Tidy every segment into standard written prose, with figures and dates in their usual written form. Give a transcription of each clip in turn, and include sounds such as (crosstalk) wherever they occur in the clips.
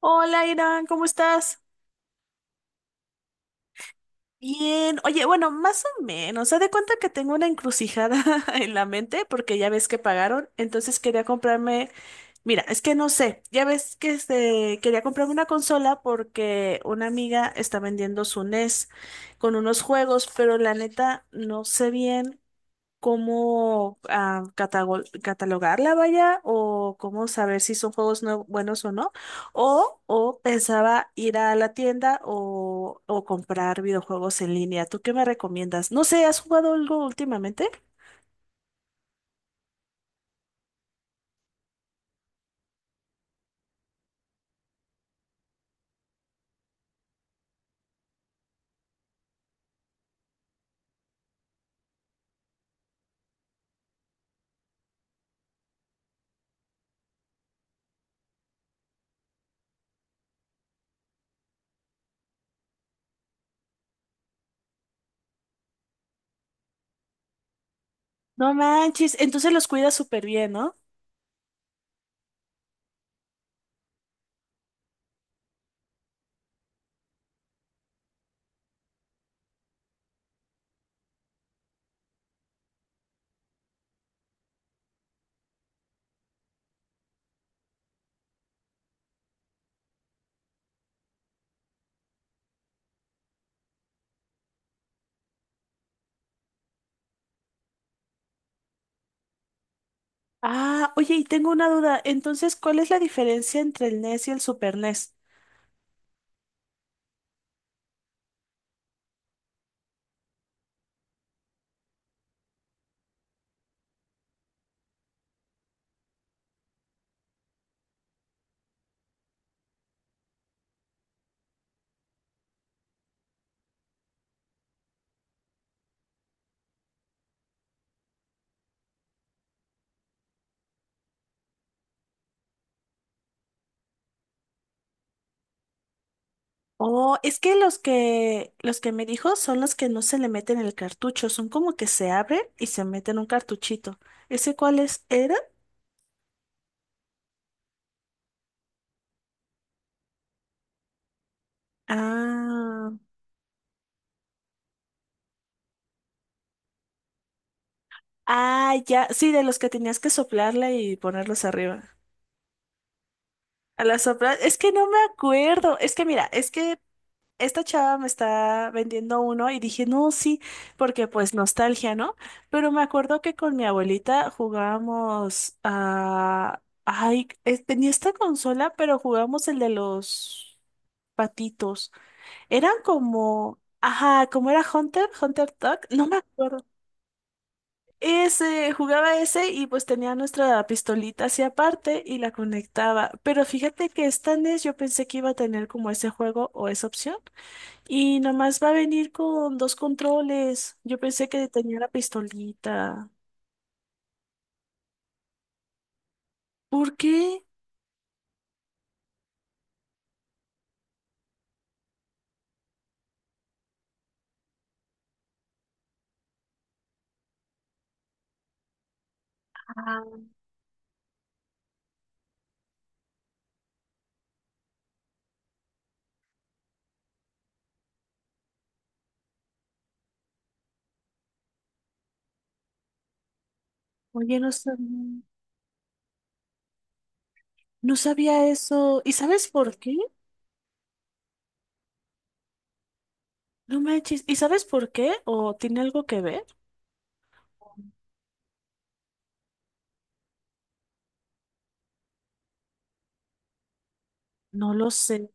Hola, Irán, ¿cómo estás? Bien. Oye, bueno, más o menos. Haz de cuenta que tengo una encrucijada (laughs) en la mente porque ya ves que pagaron, entonces quería comprarme. Mira, es que no sé. Ya ves que este, quería comprarme una consola porque una amiga está vendiendo su NES con unos juegos, pero la neta no sé bien cómo catalogarla, vaya, o cómo saber si son juegos no buenos o no. O pensaba ir a la tienda o comprar videojuegos en línea. ¿Tú qué me recomiendas? No sé, ¿has jugado algo últimamente? No manches, entonces los cuidas súper bien, ¿no? Ah, oye, y tengo una duda. Entonces, ¿cuál es la diferencia entre el NES y el Super NES? Oh, es que los que me dijo son los que no se le meten el cartucho, son como que se abren y se meten un cartuchito. ¿Ese cuáles eran? Ah, ah, ya, sí, de los que tenías que soplarle y ponerlos arriba. A la sopla. Es que no me acuerdo. Es que mira, es que esta chava me está vendiendo uno y dije, no, sí, porque pues nostalgia, ¿no? Pero me acuerdo que con mi abuelita jugábamos a... Ay, tenía esta consola, pero jugábamos el de los patitos. Eran como... Ajá, como era Hunter, Hunter Duck, no me acuerdo. Ese, jugaba ese y pues tenía nuestra pistolita hacia aparte y la conectaba. Pero fíjate que esta NES yo pensé que iba a tener como ese juego o esa opción. Y nomás va a venir con dos controles. Yo pensé que tenía la pistolita. ¿Por qué? Ah, oye, no sabía, no sabía eso. ¿Y sabes por qué? No manches. ¿Y sabes por qué? ¿O tiene algo que ver? No lo sé.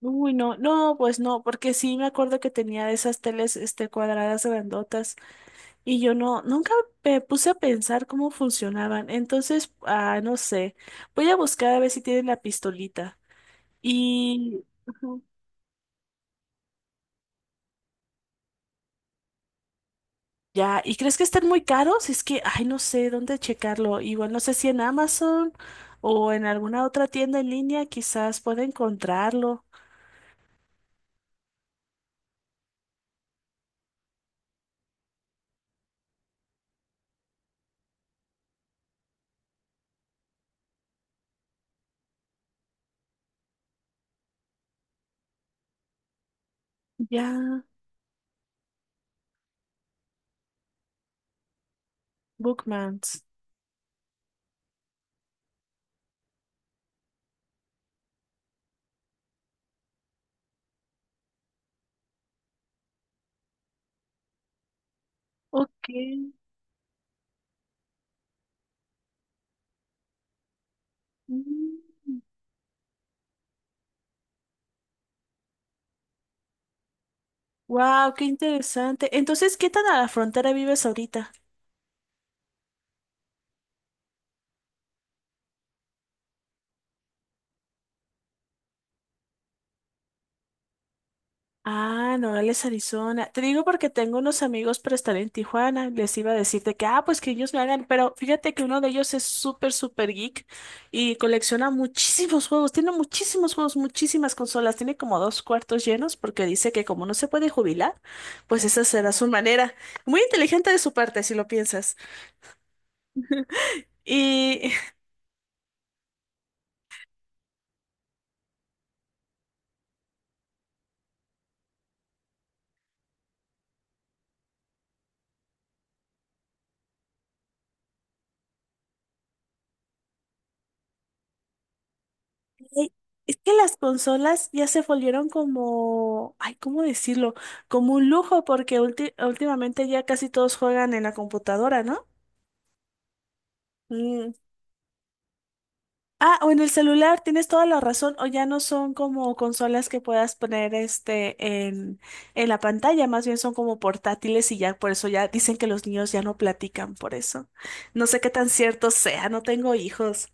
Uy, no, no, pues no, porque sí me acuerdo que tenía esas teles, este, cuadradas grandotas y yo no, nunca me puse a pensar cómo funcionaban. Entonces, ah, no sé. Voy a buscar a ver si tienen la pistolita. Y ujú, ya, ¿y crees que estén muy caros? Es que, ay, no sé dónde checarlo. Igual no sé si en Amazon o en alguna otra tienda en línea quizás pueda encontrarlo. Ya, Bookmans. Ok. Wow, qué interesante. Entonces, ¿qué tan a la frontera vives ahorita? Ah, Nogales, Arizona. Te digo porque tengo unos amigos pero están en Tijuana. Les iba a decirte que, ah, pues que ellos me hagan, pero fíjate que uno de ellos es súper, súper geek y colecciona muchísimos juegos. Tiene muchísimos juegos, muchísimas consolas. Tiene como dos cuartos llenos porque dice que como no se puede jubilar, pues esa será su manera. Muy inteligente de su parte, si lo piensas. Y ey, es que las consolas ya se volvieron como, ay, ¿cómo decirlo? Como un lujo, porque últimamente ya casi todos juegan en la computadora, ¿no? Mm. Ah, o en el celular, tienes toda la razón, o ya no son como consolas que puedas poner este en, en la pantalla, más bien son como portátiles y ya por eso ya dicen que los niños ya no platican por eso. No sé qué tan cierto sea, no tengo hijos.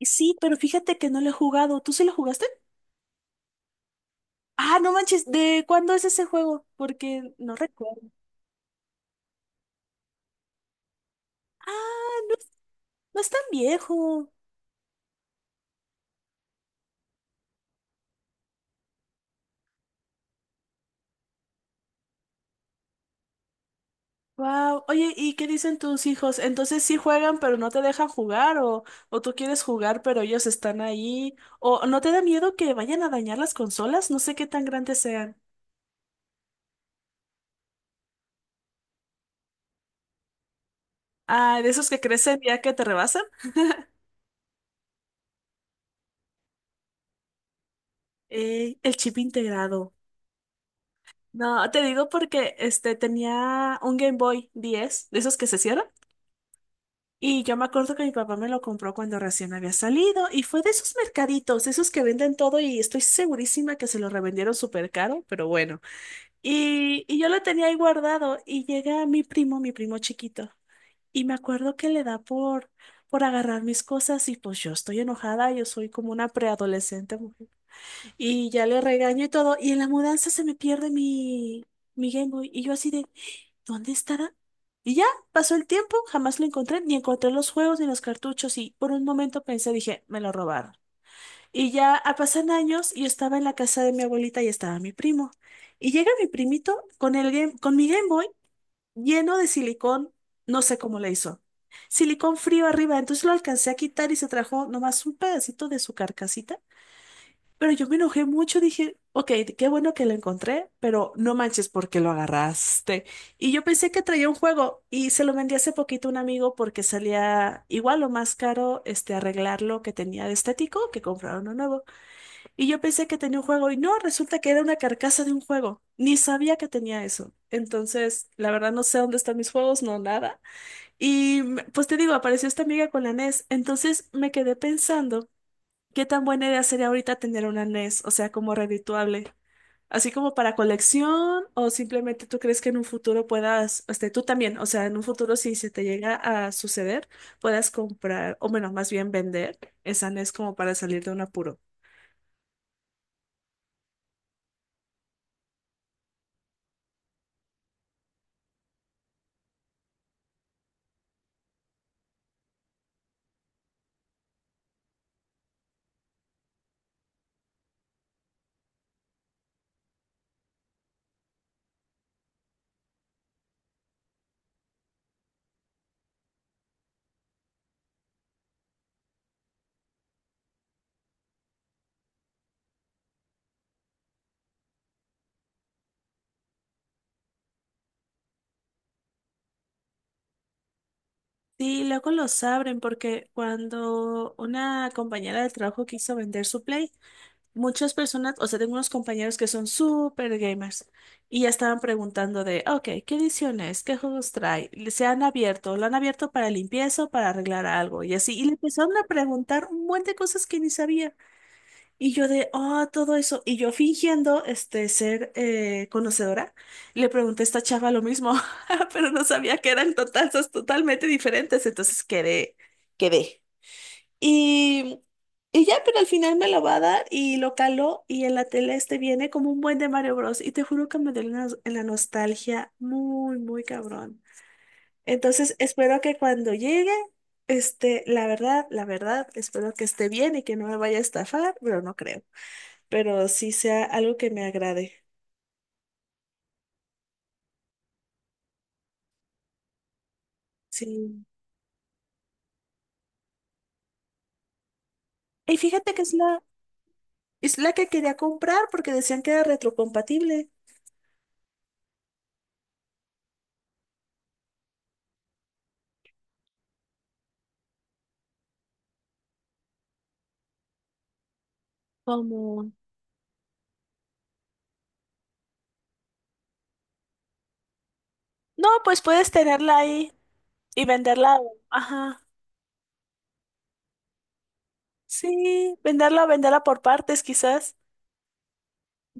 Sí, pero fíjate que no lo he jugado. ¿Tú sí lo jugaste? Ah, no manches, ¿de cuándo es ese juego? Porque no recuerdo. Ah, no, es no es tan viejo. Wow. Oye, ¿y qué dicen tus hijos? Entonces sí juegan, pero no te dejan jugar, o tú quieres jugar, pero ellos están ahí. ¿O no te da miedo que vayan a dañar las consolas? No sé qué tan grandes sean. Ah, de esos que crecen ya que te rebasan. Ey, el chip integrado. No, te digo porque este tenía un Game Boy 10, de esos que se cierran. Y yo me acuerdo que mi papá me lo compró cuando recién había salido y fue de esos mercaditos, esos que venden todo y estoy segurísima que se lo revendieron súper caro, pero bueno. Y yo lo tenía ahí guardado y llega mi primo chiquito, y me acuerdo que le da por agarrar mis cosas y pues yo estoy enojada, yo soy como una preadolescente mujer. Y ya le regaño y todo y en la mudanza se me pierde mi Game Boy y yo así de... ¿Dónde estará? Y ya, pasó el tiempo, jamás lo encontré, ni encontré los juegos ni los cartuchos y por un momento pensé, dije, me lo robaron. Y ya ah, pasan años y yo estaba en la casa de mi abuelita y estaba mi primo. Y llega mi primito con el game, con mi Game Boy lleno de silicón, no sé cómo le hizo. Silicón frío arriba, entonces lo alcancé a quitar y se trajo nomás un pedacito de su carcasita pero yo me enojé mucho, dije, ok, qué bueno que lo encontré, pero no manches porque lo agarraste. Y yo pensé que traía un juego y se lo vendí hace poquito a un amigo porque salía igual o más caro este arreglar lo que tenía de estético que comprar uno nuevo. Y yo pensé que tenía un juego y no, resulta que era una carcasa de un juego. Ni sabía que tenía eso. Entonces, la verdad no sé dónde están mis juegos, no nada. Y pues te digo, apareció esta amiga con la NES. Entonces me quedé pensando. ¿Qué tan buena idea sería ahorita tener una NES? O sea, como redituable. Así como para colección, o simplemente tú crees que en un futuro puedas, este, tú también, o sea, en un futuro si se te llega a suceder, puedas comprar, o bueno, más bien vender esa NES como para salir de un apuro. Sí, luego los abren porque cuando una compañera de trabajo quiso vender su Play, muchas personas, o sea, tengo unos compañeros que son súper gamers y ya estaban preguntando de, ok, ¿qué ediciones? ¿Qué juegos trae? ¿Se han abierto? ¿Lo han abierto para limpieza o para arreglar algo? Y así, y le empezaron a preguntar un buen de cosas que ni sabía. Y yo de, oh, todo eso. Y yo fingiendo, este, ser conocedora, le pregunté a esta chava lo mismo, (laughs) pero no sabía que eran totalmente diferentes. Entonces quedé, quedé. Y, y ya, pero al final me lo va a dar y lo caló y en la tele este viene como un buen de Mario Bros. Y te juro que me dio en la nostalgia muy, muy cabrón. Entonces espero que cuando llegue, este, la verdad, espero que esté bien y que no me vaya a estafar, pero no creo. Pero sí sea algo que me agrade. Sí. Y fíjate que es la que quería comprar porque decían que era retrocompatible. Como... No, pues puedes tenerla ahí y venderla. Ajá. Sí, venderla, venderla por partes quizás.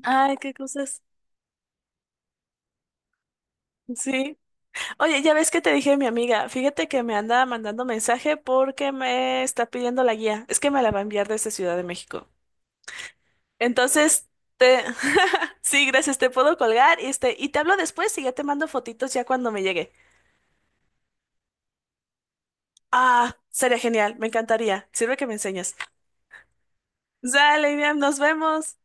Ay, qué cosas. Sí. Oye, ya ves que te dije mi amiga, fíjate que me anda mandando mensaje porque me está pidiendo la guía. Es que me la va a enviar desde Ciudad de México. Entonces, te... (laughs) sí, gracias, te puedo colgar y, este, y te hablo después y ya te mando fotitos ya cuando me llegue. Ah, sería genial, me encantaría. Sirve que me enseñas. Sale, Iriam, nos vemos.